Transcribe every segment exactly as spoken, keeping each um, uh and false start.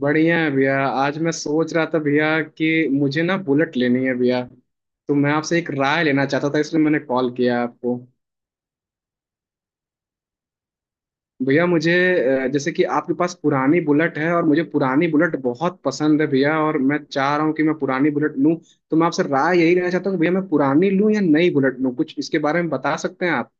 बढ़िया है भैया। आज मैं सोच रहा था भैया कि मुझे ना बुलेट लेनी है भैया। तो मैं आपसे एक राय लेना चाहता था इसलिए मैंने कॉल किया है आपको। भैया मुझे अ, जैसे कि आपके पास पुरानी बुलेट है और मुझे पुरानी बुलेट बहुत पसंद है भैया और मैं चाह रहा हूँ कि मैं पुरानी बुलेट लूँ। तो मैं आपसे राय यही लेना चाहता हूँ कि भैया मैं पुरानी लूँ या नई बुलेट लूँ, कुछ इसके बारे में बता सकते हैं आप?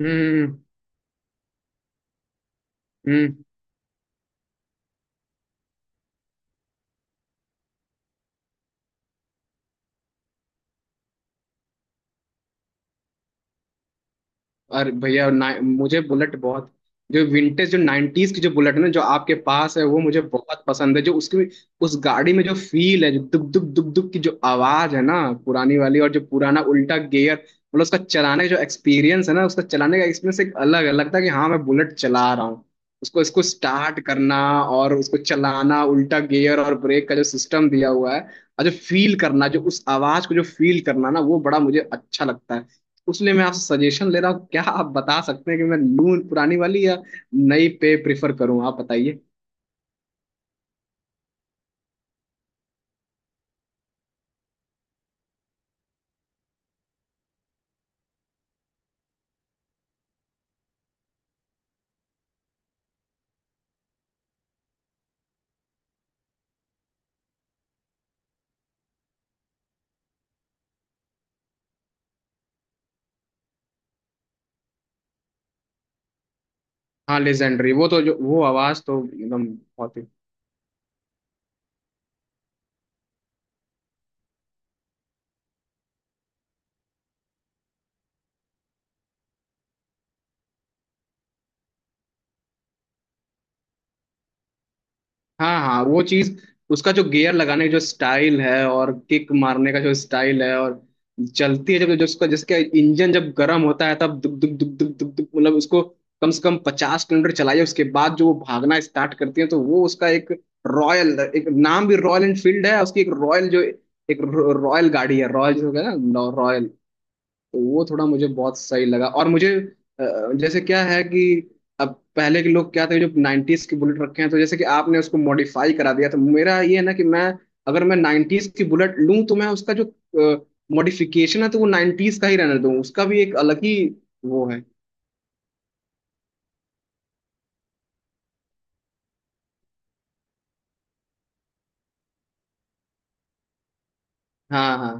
हम्म। हम्म। अरे भैया ना- मुझे बुलेट बहुत। जो विंटेज जो नाइन्टीज की जो बुलेट है ना जो आपके पास है वो मुझे बहुत पसंद है, जो उसकी उस गाड़ी में जो फील है, जो दुब दुब दुब दुब की जो आवाज है ना पुरानी वाली, और जो पुराना उल्टा गियर, मतलब उसका चलाने का जो एक्सपीरियंस है ना, उसका चलाने का एक्सपीरियंस एक अलग है, लगता है कि हाँ मैं बुलेट चला रहा हूँ। उसको इसको स्टार्ट करना और उसको चलाना, उल्टा गियर और ब्रेक का जो सिस्टम दिया हुआ है, और जो फील करना, जो उस आवाज को जो फील करना ना, वो बड़ा मुझे अच्छा लगता है। उसलिए मैं आपसे सजेशन ले रहा हूँ, क्या आप बता सकते हैं कि मैं लूं पुरानी वाली या नई पे प्रिफर करूँ? आप बताइए। हाँ लेजेंडरी, वो तो जो वो आवाज तो एकदम बहुत ही। हाँ हाँ वो चीज, उसका जो गियर लगाने का जो स्टाइल है और किक मारने का जो स्टाइल है, और चलती है जब, जो उसका जिसका इंजन जब गर्म होता है तब दुक दुक दुक दुक दुक दुक, मतलब उसको कम से कम पचास किलोमीटर चलाइए उसके बाद जो वो भागना स्टार्ट करती है तो वो उसका एक रॉयल, एक नाम भी रॉयल एनफील्ड है, उसकी एक रॉयल जो एक रॉयल गाड़ी है, रॉयल जो है ना रॉयल। वो थोड़ा मुझे बहुत सही लगा और मुझे अ, जैसे क्या है कि अब पहले के लोग क्या थे जो नाइन्टीज़ की बुलेट रखे हैं, तो जैसे कि आपने उसको मॉडिफाई करा दिया, तो मेरा ये है ना कि मैं अगर मैं नाइन्टीज़ की बुलेट लूं तो मैं उसका जो मॉडिफिकेशन है तो वो नाइन्टीज़ का ही रहने दूं, उसका भी एक अलग ही वो है। हाँ हाँ।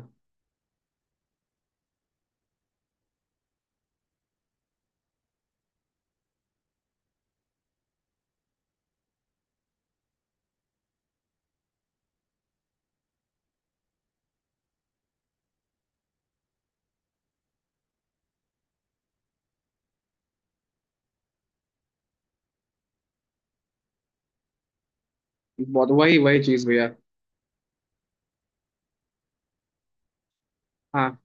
बहुत वही वही चीज भैया। हाँ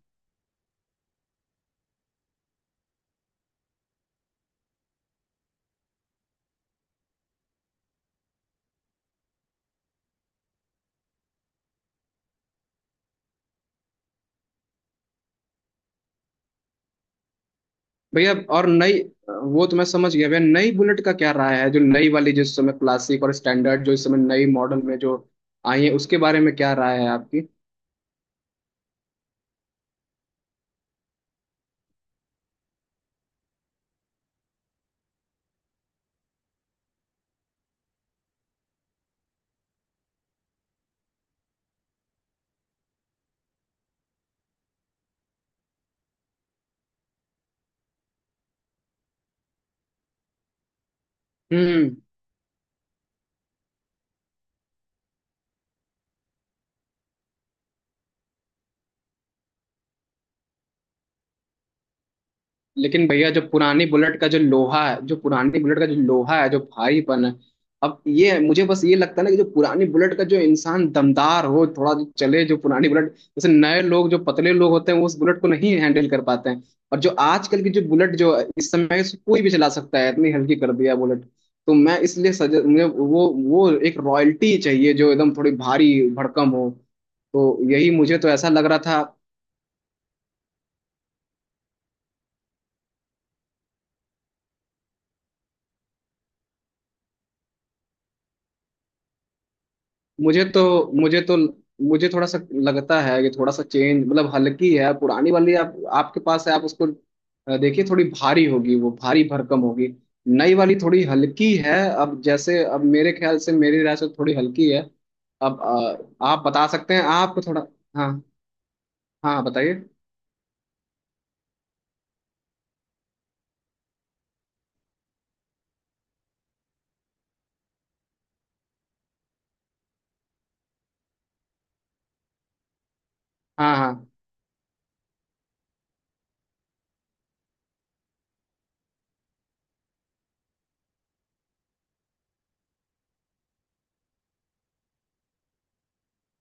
भैया और नई वो तो मैं समझ गया भैया। नई बुलेट का क्या राय है, जो नई वाली जो इस समय क्लासिक और स्टैंडर्ड जो इस समय नई मॉडल में जो आई है उसके बारे में क्या राय है आपकी? हम्म। लेकिन भैया जो पुरानी बुलेट का जो लोहा है, जो पुरानी बुलेट का जो लोहा है, जो भारीपन है, अब ये मुझे बस ये लगता है ना कि जो पुरानी बुलेट का जो इंसान दमदार हो थोड़ा जो चले जो पुरानी बुलेट, जैसे नए लोग जो पतले लोग होते हैं वो उस बुलेट को नहीं हैंडल कर पाते हैं। और जो आजकल की जो बुलेट जो है, इस समय से कोई भी चला सकता है, इतनी हल्की कर दिया बुलेट। तो मैं इसलिए सजे मुझे वो वो एक रॉयल्टी चाहिए जो एकदम थोड़ी भारी भड़कम हो। तो यही मुझे तो ऐसा लग रहा था। मुझे तो मुझे तो मुझे थोड़ा सा लगता है कि थोड़ा सा चेंज, मतलब हल्की है पुरानी वाली, आप आपके पास है आप उसको अ, देखिए थोड़ी भारी होगी, वो भारी भरकम होगी। नई वाली थोड़ी हल्की है, अब जैसे अब मेरे ख्याल से मेरी राय से थोड़ी हल्की है। अब अ, आप बता सकते हैं आप थोड़ा। हाँ हाँ बताइए। हाँ। हाँ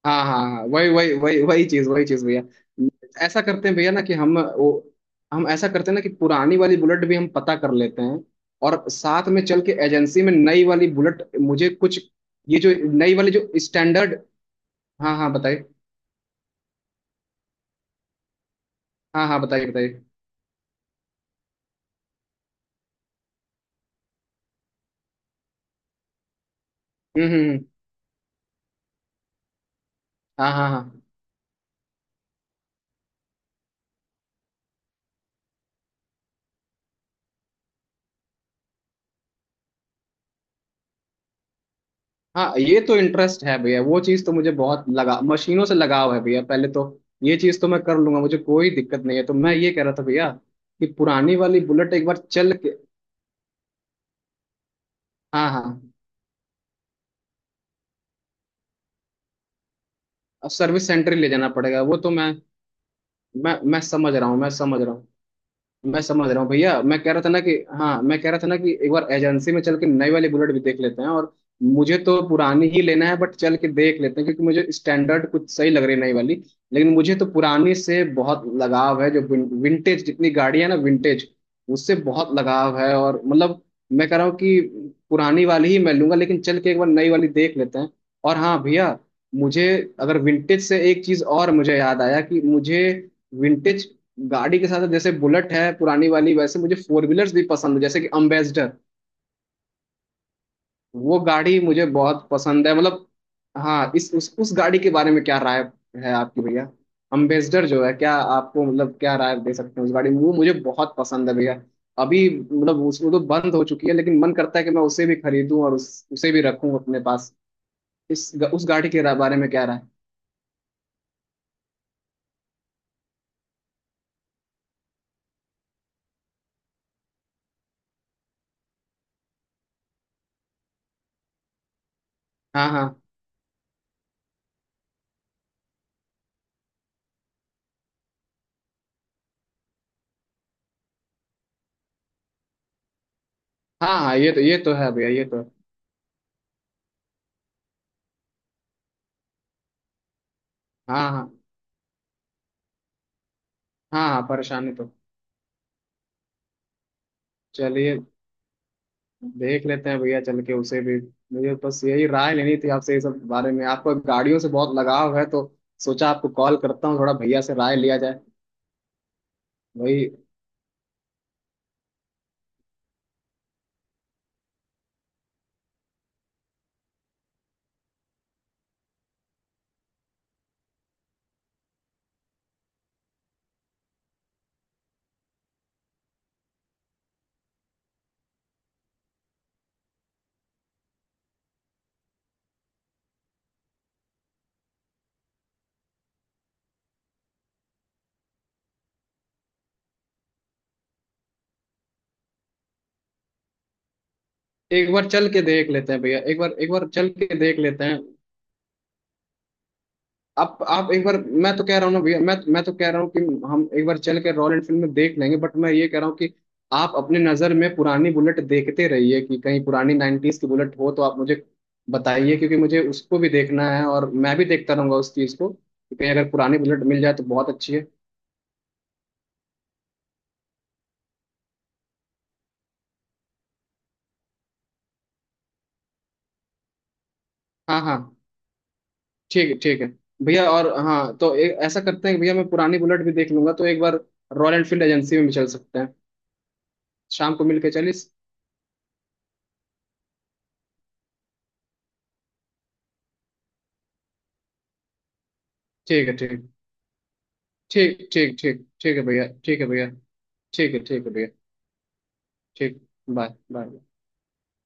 हाँ हाँ हाँ, वही वही वही वही चीज, वही चीज भैया। ऐसा करते हैं भैया ना कि हम वो हम ऐसा करते हैं ना कि पुरानी वाली बुलेट भी हम पता कर लेते हैं और साथ में चल के एजेंसी में नई वाली बुलेट मुझे कुछ, ये जो नई वाली जो स्टैंडर्ड। हाँ हाँ बताइए। हाँ हाँ बताइए बताइए। हम्म हम्म हम्म। हाँ हाँ हाँ। हाँ ये तो इंटरेस्ट है भैया, वो चीज तो मुझे बहुत लगा, मशीनों से लगाव है भैया पहले तो। ये चीज तो मैं कर लूंगा, मुझे कोई दिक्कत नहीं है। तो मैं ये कह रहा था भैया कि पुरानी वाली बुलेट एक बार चल के। हाँ हाँ सर्विस सेंटर ही ले जाना पड़ेगा, वो तो मैं मैं मैं समझ रहा हूँ। मैं समझ रहा हूँ। मैं समझ रहा हूँ भैया। मैं कह रहा था ना कि, हाँ मैं कह रहा था ना कि एक बार एजेंसी में चल के नई वाली बुलेट भी देख लेते हैं, और मुझे तो पुरानी ही लेना है बट चल के देख लेते हैं क्योंकि मुझे स्टैंडर्ड कुछ सही लग रही है नई वाली। लेकिन मुझे तो पुरानी से बहुत लगाव है, जो विन, विंटेज जितनी गाड़ी है ना विंटेज, उससे बहुत लगाव है और मतलब, मैं कह रहा हूँ कि पुरानी वाली ही मैं लूंगा, लेकिन चल के एक बार नई वाली देख लेते हैं। और हाँ भैया मुझे, अगर विंटेज से एक चीज और मुझे याद आया कि मुझे विंटेज गाड़ी के साथ, जैसे बुलेट है पुरानी वाली, वैसे मुझे फोर व्हीलर्स भी पसंद है जैसे कि अम्बेसडर। वो गाड़ी मुझे बहुत पसंद है मतलब। हाँ इस उस उस गाड़ी के बारे में क्या राय है आपकी भैया? अम्बेसडर जो है क्या आपको, मतलब क्या राय दे सकते हैं, उस गाड़ी में, वो मुझे बहुत पसंद है भैया। अभी मतलब उस, वो तो बंद हो चुकी है लेकिन मन करता है कि मैं उसे भी खरीदूं और उस, उसे भी रखूं अपने पास। इस उस गाड़ी के रा- बारे में क्या राय? हाँ हाँ हाँ हाँ ये तो, ये तो है भैया, ये तो है। हाँ हाँ। हाँ हाँ परेशानी तो। चलिए देख लेते हैं भैया चल के उसे भी। मुझे बस यही राय लेनी थी आपसे, ये सब बारे में आपको गाड़ियों से बहुत लगाव है तो सोचा आपको कॉल करता हूँ, थोड़ा भैया से राय लिया जाए। वही। एक बार चल के देख लेते हैं भैया, एक बार एक बार चल के देख लेते हैं। आप आप एक बार, मैं तो कह रहा हूँ ना भैया, मैं मैं तो कह रहा हूँ कि हम एक बार चल के रॉयल एनफील्ड में देख लेंगे बट मैं ये कह रहा हूँ कि आप अपने नज़र में पुरानी बुलेट देखते रहिए कि कहीं पुरानी नाइन्टीज की बुलेट हो तो आप मुझे बताइए, क्योंकि मुझे उसको भी देखना है और मैं भी देखता रहूंगा उस चीज़ को कि कहीं अगर पुरानी बुलेट मिल जाए तो बहुत अच्छी है। हाँ हाँ। ठीक है ठीक है भैया। और हाँ तो ए, ऐसा करते हैं कि भैया मैं पुरानी बुलेट भी देख लूंगा तो एक बार रॉयल एनफील्ड एजेंसी में भी चल सकते हैं। शाम को मिल के चलिए। ठीक है। ठीक है। ठीक ठीक ठीक ठीक है भैया। ठीक है भैया। ठीक है। ठीक है भैया। ठीक। Bye bye.